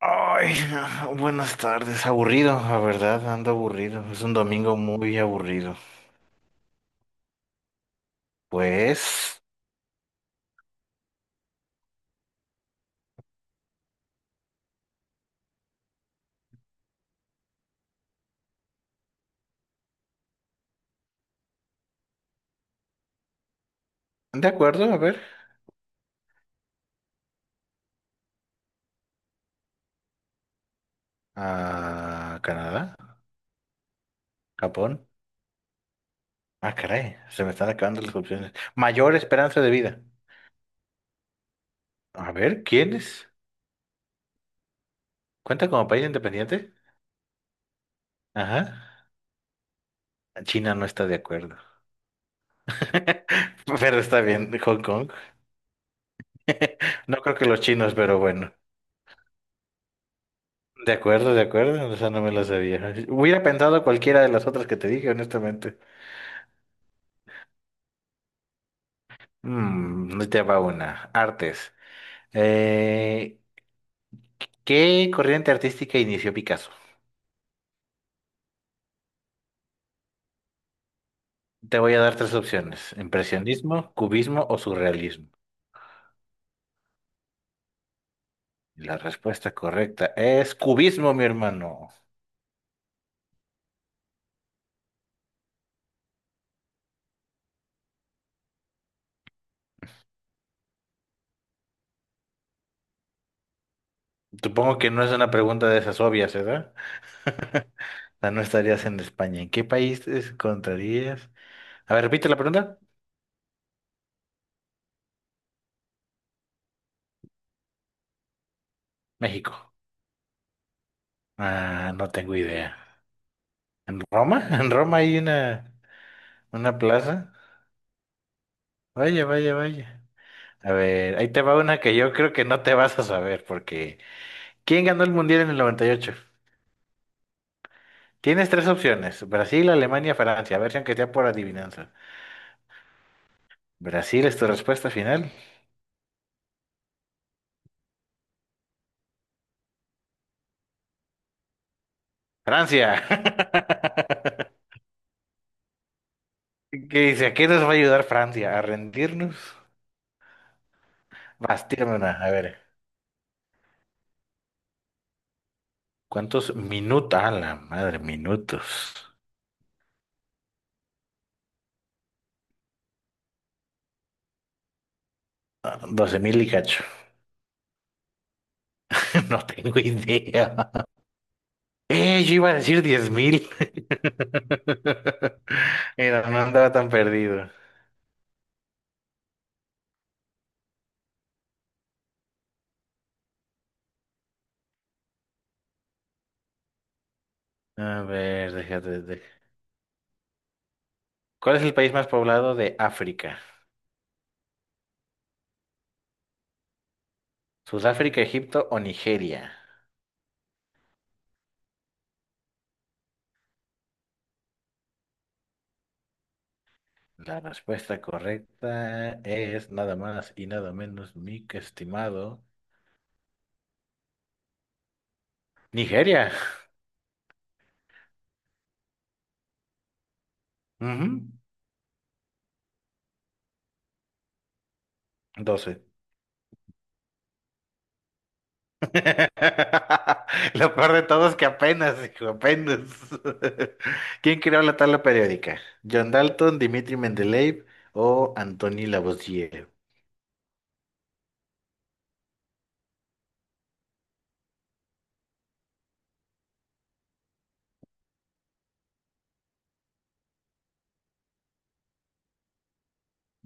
Ay, buenas tardes. Aburrido, la verdad, ando aburrido. Es un domingo muy aburrido. Pues, de acuerdo, a ver. A Canadá, Japón. Ah, caray, se me están acabando las opciones. Mayor esperanza de vida. A ver, ¿quién es? ¿Cuenta como país independiente? Ajá. China no está de acuerdo. Pero está bien, Hong Kong. No creo que los chinos, pero bueno. De acuerdo, de acuerdo. Esa no me la sabía. Hubiera pensado cualquiera de las otras que te dije, honestamente. Mm, ahí te va una. Artes. Eh, ¿Qué corriente artística inició Picasso? Te voy a dar tres opciones: impresionismo, cubismo o surrealismo. La respuesta correcta es cubismo, mi hermano. Supongo que no es una pregunta de esas obvias, ¿verdad? O sea, no estarías en España. ¿En qué país te encontrarías? A ver, repite la pregunta. México. Ah, no tengo idea. ¿En Roma? ¿En Roma hay una plaza? Vaya, vaya, vaya. A ver, ahí te va una que yo creo que no te vas a saber, porque ¿quién ganó el Mundial en el 98? Tienes tres opciones, Brasil, Alemania, Francia, a ver si aunque sea por adivinanza. Brasil es tu respuesta final. Francia. ¿Qué dice? ¿A qué nos va a ayudar Francia? ¿A rendirnos? Vas, tírame una, a ver. ¿Cuántos minutos? A la madre, minutos. 12,000 y cacho. No tengo idea. Yo iba a decir 10,000. Mira, no andaba tan perdido. A ver, déjate. ¿Cuál es el país más poblado de África? ¿Sudáfrica, Egipto o Nigeria? La respuesta correcta es nada más y nada menos, mi estimado. Nigeria. Ujú, 12. Lo peor de todo es que apenas, hijo, apenas. ¿Quién creó la tabla periódica? ¿John Dalton, Dimitri Mendeleev o Antoni Lavoisier?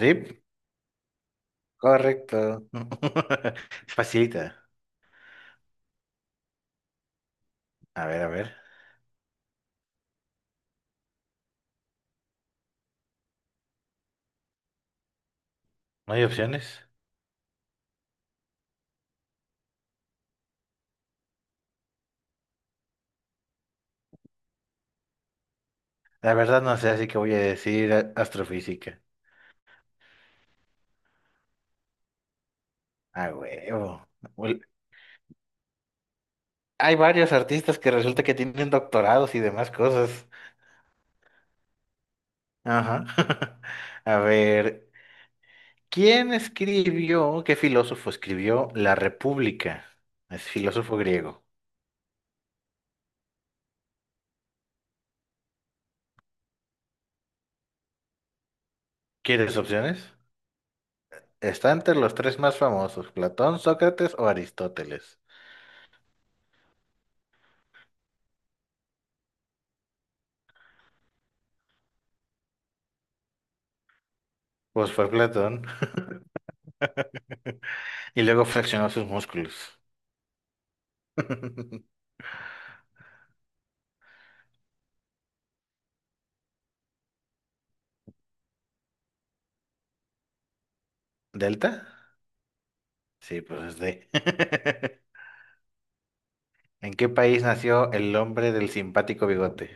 Sí, correcto. Facilita. A ver, a ver. ¿No hay opciones? La verdad no sé, así que voy a decir astrofísica. Ah, huevo. Ul- Hay varios artistas que resulta que tienen doctorados y demás cosas. Ajá. A ver, ¿qué filósofo escribió La República? Es filósofo griego. ¿Quieres opciones? Está entre los tres más famosos, Platón, Sócrates o Aristóteles. Pues fue Platón. Y luego flexionó sus músculos. ¿Delta? Sí, pues es D. ¿En qué país nació el hombre del simpático bigote?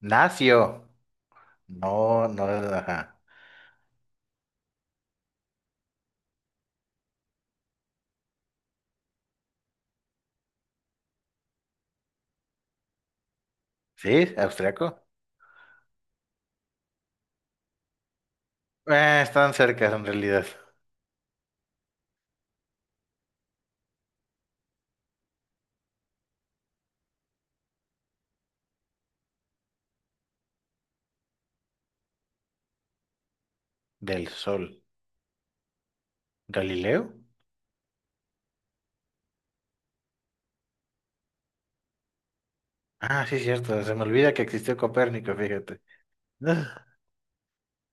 Nació. No, no, ajá. ¿Sí? ¿Austriaco? Están cerca en realidad. Del Sol. ¿Galileo? Ah, sí, cierto. Se me olvida que existió Copérnico, fíjate. Ah,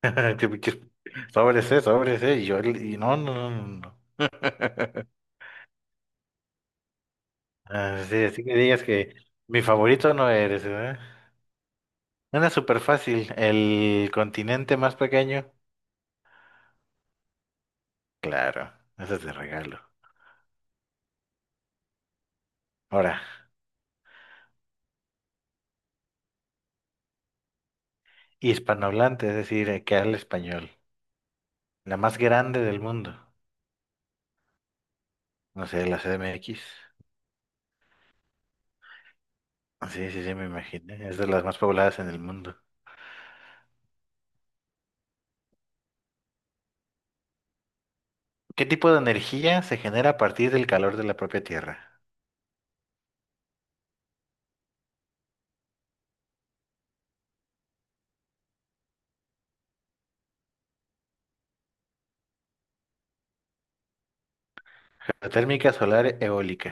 Qué pinches- Sobres, sobres, Y yo, y no. Ah, sí, así que digas que mi favorito no eres, ¿verdad? Una súper fácil. El continente más pequeño. Claro, eso es de regalo. Ahora, hispanohablante, es decir, que habla español. La más grande del mundo. No sé, la C CDMX. Sí, sí, sí, me imaginé. Es de las más pobladas en el mundo. ¿Qué tipo de energía se genera a partir del calor de la propia Tierra? Geotérmica, solar, eólica.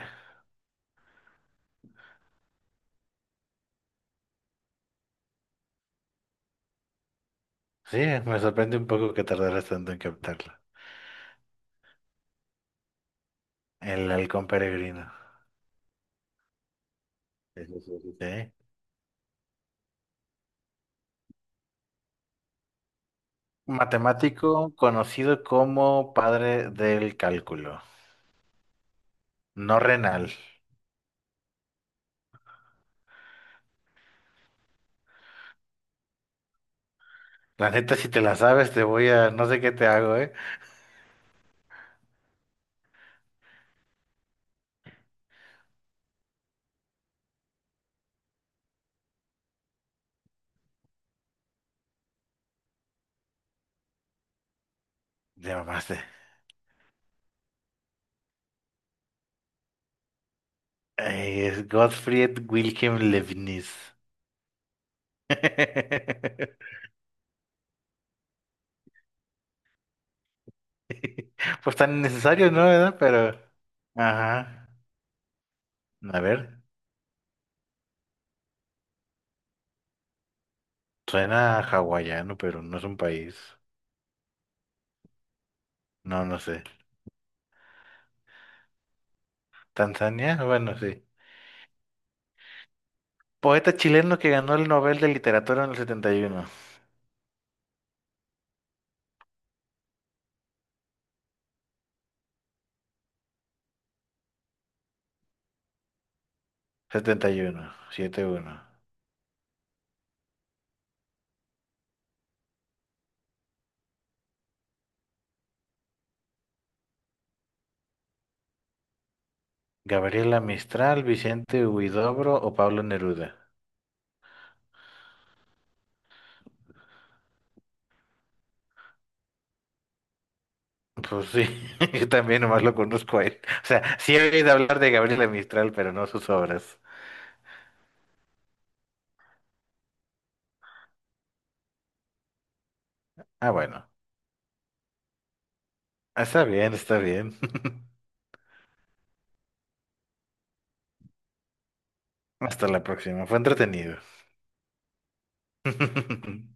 Sí, me sorprende un poco que tardaras tanto en captarlo. El halcón peregrino. Eso sí, eso sí. Sí. Matemático conocido como padre del cálculo, no renal. La neta, si te la sabes, te voy a... No sé qué te hago, ¿eh? Te mamaste. Es Gottfried Wilhelm Leibniz. Pues tan necesario, ¿no? ¿Verdad? Pero... Ajá. A ver, suena hawaiano, pero no es un país. No, no sé. ¿Tanzania? Bueno, sí. Poeta chileno que ganó el Nobel de Literatura en el 71. 71, uno Gabriela Mistral, Vicente Huidobro o Pablo Neruda. Pues sí, yo también nomás lo conozco a él. O sea, sí he oído hablar de Gabriela Mistral, pero no sus obras. Ah, bueno. Está bien, está bien. Hasta la próxima. Fue entretenido.